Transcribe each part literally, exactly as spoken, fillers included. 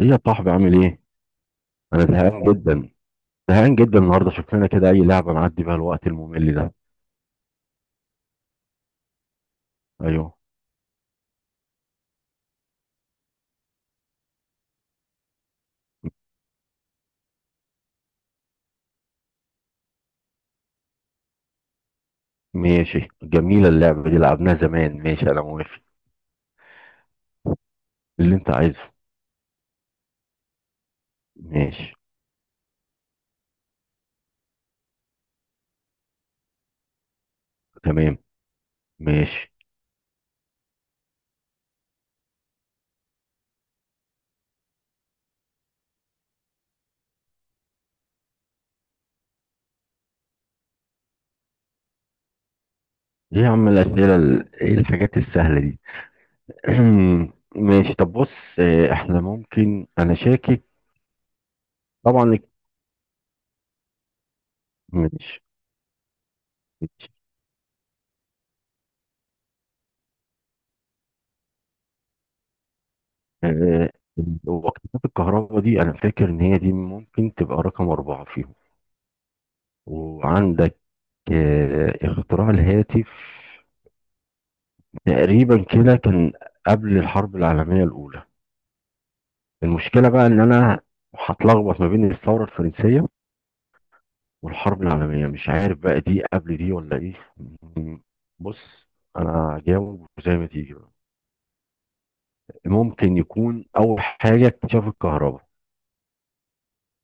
ايه يا صاحبي عامل ايه؟ انا زهقان جدا زهقان جدا النهارده، شوف لنا كده اي لعبه نعدي بيها الوقت الممل ده. ايوه. ماشي، جميله اللعبه دي لعبناها زمان. ماشي، انا موافق. اللي انت عايزه. ماشي. تمام. ماشي. ايه يا عم، الاسئله ال- ايه الحاجات السهله دي؟ ماشي، طب بص. آه، احنا ممكن، انا شاكك. طبعا. ماشي. آه، وقفات الكهرباء دي انا فاكر ان هي دي ممكن تبقى رقم اربعه فيهم. وعندك آه، اختراع الهاتف، تقريبا كده كان قبل الحرب العالمية الأولى. المشكلة بقى إن أنا هتلخبط ما بين الثورة الفرنسية والحرب العالمية، مش عارف بقى دي قبل دي ولا إيه. م- بص، أنا هجاوب زي ما تيجي بقى. ممكن يكون أول حاجة اكتشاف الكهرباء،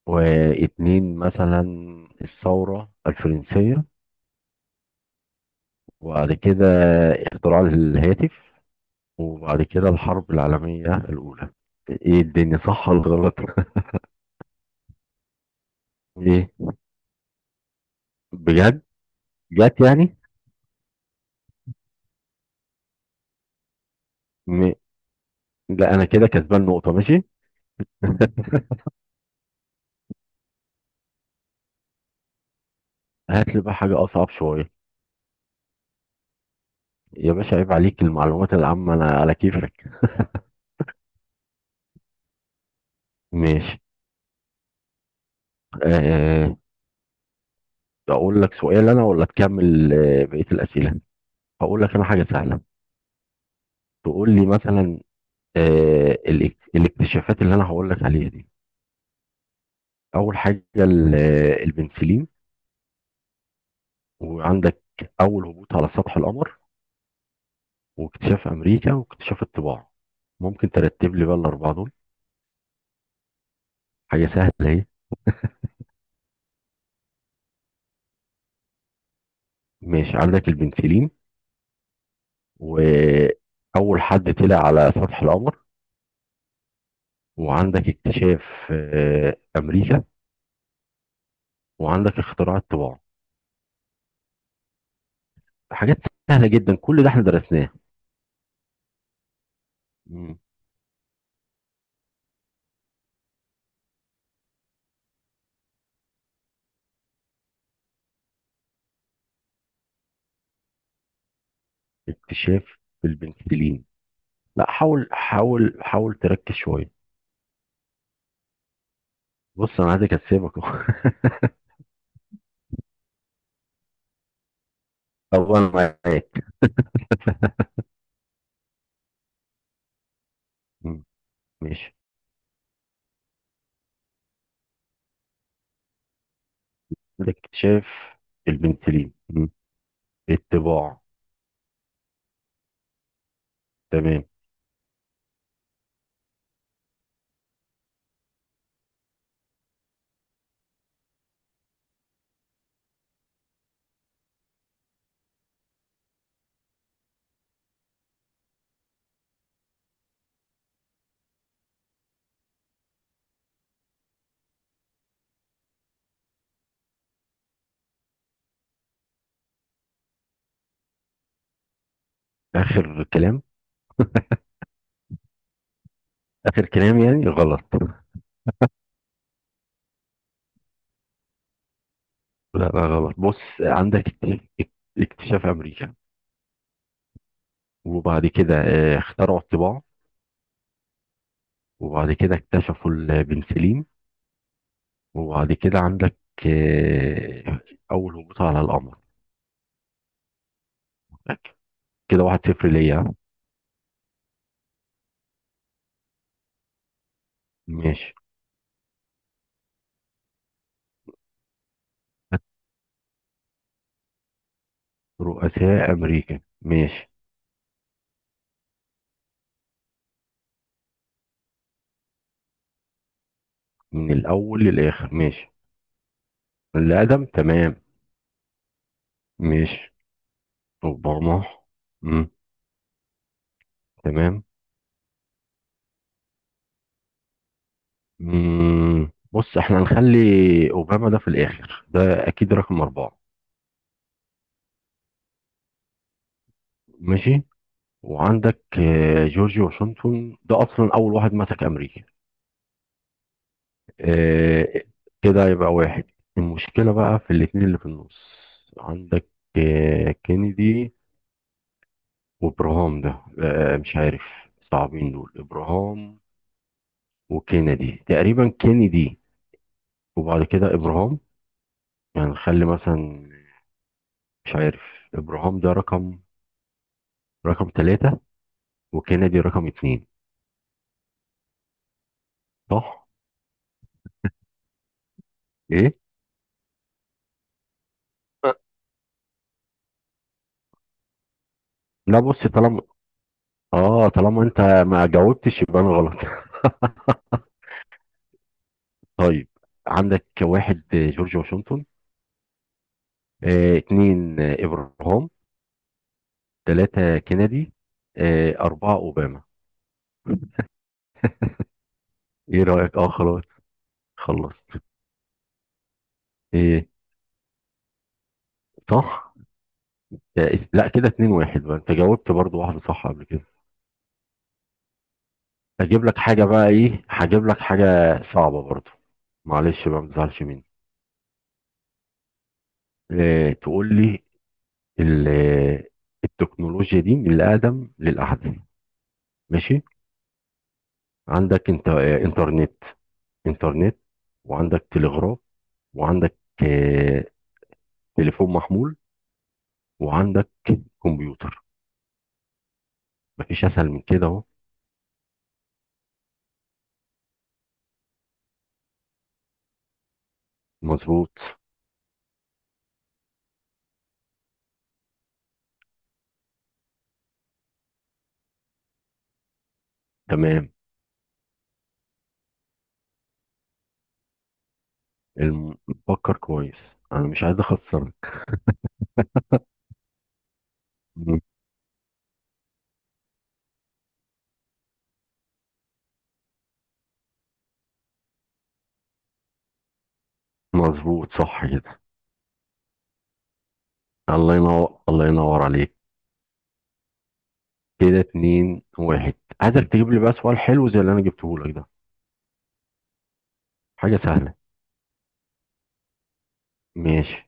واتنين مثلا الثورة الفرنسية، وبعد كده اختراع الهاتف، وبعد كده الحرب العالمية الأولى. ايه الدنيا، صح ولا غلط؟ ايه. بجد. جت يعني. م... لا، انا كده كسبان نقطة. ماشي. هات لي بقى حاجة أصعب شوية. يا باشا عيب عليك، المعلومات العامة أنا على كيفك. ماشي. أه، أقول لك سؤال أنا ولا تكمل آه، بقية الأسئلة؟ هقول لك أنا حاجة سهلة. تقول لي مثلا أه الاك- الاكتشافات اللي أنا هقول لك عليها دي. أول حاجة ال- آه، البنسلين. وعندك أول هبوط على سطح القمر، واكتشاف امريكا، واكتشاف الطباعه. ممكن ترتب لي بقى الاربعه دول؟ حاجه سهله اهي. ماشي، عندك البنسلين، واول حد طلع على سطح القمر، وعندك اكتشاف آه، امريكا، وعندك اختراع الطباعه. حاجات سهله جدا، كل ده احنا درسناه. مم. اكتشاف البنسلين. لا، حاول حاول حاول تركز شويه. بص انا عايزك اسيبك. طبعا معاك. مم. ماشي. عندك اكتشاف البنسلين. مم. الطباعه. تمام. آخر كلام. آخر كلام يعني غلط. لا لا غلط، بص عندك اكت- اكتشاف أمريكا، وبعد كده آه، اخترعوا الطباعة، وبعد كده اكتشفوا البنسلين، وبعد كده عندك آه، أول هبوط على القمر. كده واحد صفر ليا. ماشي. رؤساء أمريكا، ماشي. من الأول للآخر، ماشي. اللي أقدم، تمام. ماشي. أوباما. مم. تمام. مم، بص احنا هنخلي اوباما ده في الاخر، ده اكيد رقم اربعة. ماشي. وعندك آه، جورج واشنطن ده اصلا اول واحد مسك امريكا. آه، كده يبقى واحد. المشكلة بقى في الاتنين اللي في النص. عندك آه، كينيدي وابراهام ده، آه، مش عارف. صعبين دول ابراهام وكينيدي. تقريبا كينيدي وبعد كده ابراهام. يعني نخلي مثلا، مش عارف، ابراهام ده رقم رقم ثلاثة، وكندي رقم اتنين. صح؟ ايه. أه، لا بص، طالما اه طالما انت ما جاوبتش يبقى انا غلط. طيب. عندك واحد آه، جورج واشنطن. آه اتنين آه، ابراهام. تلاتة كندي. آه اربعة اوباما. ايه رأيك؟ اه خلاص. خلص. ايه. صح. آه لا، كده اتنين واحد بقى، انت جاوبت برضو واحدة صح قبل كده. هجيب لك حاجة بقى، ايه هجيب لك حاجة صعبة برضو، معلش بقى ما تزعلش مني. آه تقول لي ال- التكنولوجيا دي من الأقدم للأحدث. ماشي. عندك انت آه، إنترنت إنترنت، وعندك تلغراف، وعندك آه، تليفون محمول، وعندك كمبيوتر. مفيش أسهل من كده أهو. مظبوط. تمام. الم- فكر كويس، أنا مش عايز أخسرك. م- مظبوط صح كده. الله ينور، الله ينور عليك. كده اتنين واحد. عايزك تجيب لي بقى سؤال حلو زي اللي أنا جبته لك ده. حاجة سهلة. ماشي.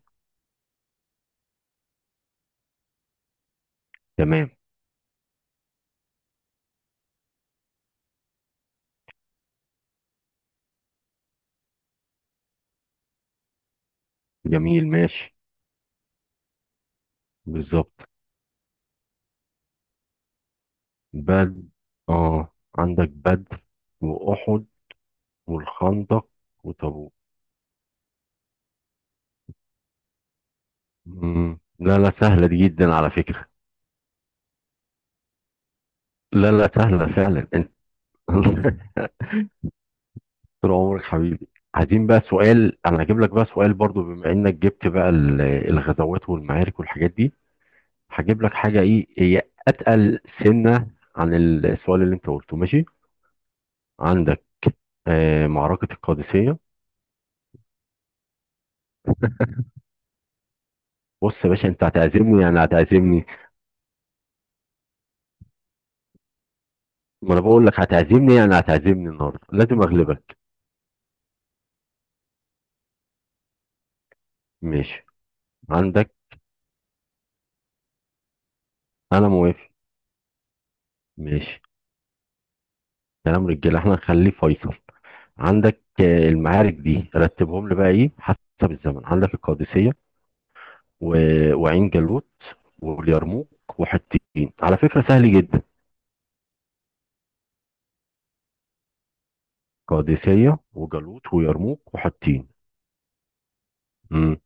تمام. جميل، ماشي. بالظبط. بل اه، عندك بدر وأحد والخندق وتبوك. مم. لا لا، سهلة دي جدا على فكرة. لا لا، سهلة فعلا انت. طول عمرك حبيبي. عايزين بقى سؤال، انا هجيب لك بقى سؤال برضو بما انك جبت بقى ال- الغزوات والمعارك والحاجات دي، هجيب لك حاجة ايه هي، اتقل سنة عن السؤال اللي انت قلته. ماشي. عندك آه معركة القادسية. بص يا باشا، انت هتعزمني يعني هتعزمني. ما انا بقول لك هتعزمني يعني هتعزمني، النهارده لازم اغلبك. ماشي. عندك. انا موافق. ماشي. كلام رجاله، احنا هنخليه فيصل. عندك آه، المعارك دي رتبهم لي بقى، ايه حسب الزمن؟ عندك القادسيه و... وعين جالوت واليرموك وحطين، على فكره سهل جدا. قادسيه وجالوت ويرموك وحطين. امم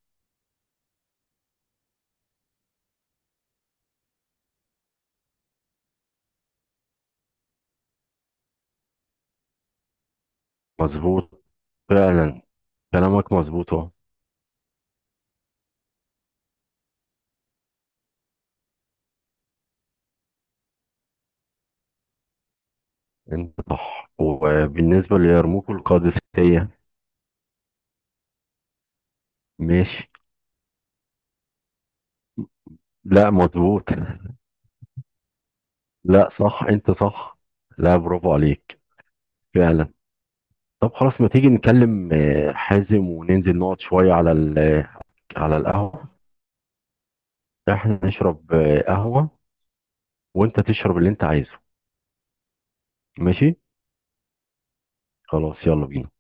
مظبوط فعلا، كلامك مظبوط اهو. انت صح. وبالنسبه ليرموك والقادسيه، ماشي. لا مظبوط. لا صح، انت صح. لا برافو عليك، فعلا. طب خلاص، ما تيجي نكلم آه، حازم وننزل نقعد شوية على ال- على القهوة. احنا نشرب آه، قهوة وانت تشرب اللي انت عايزه. ماشي. خلاص يلا بينا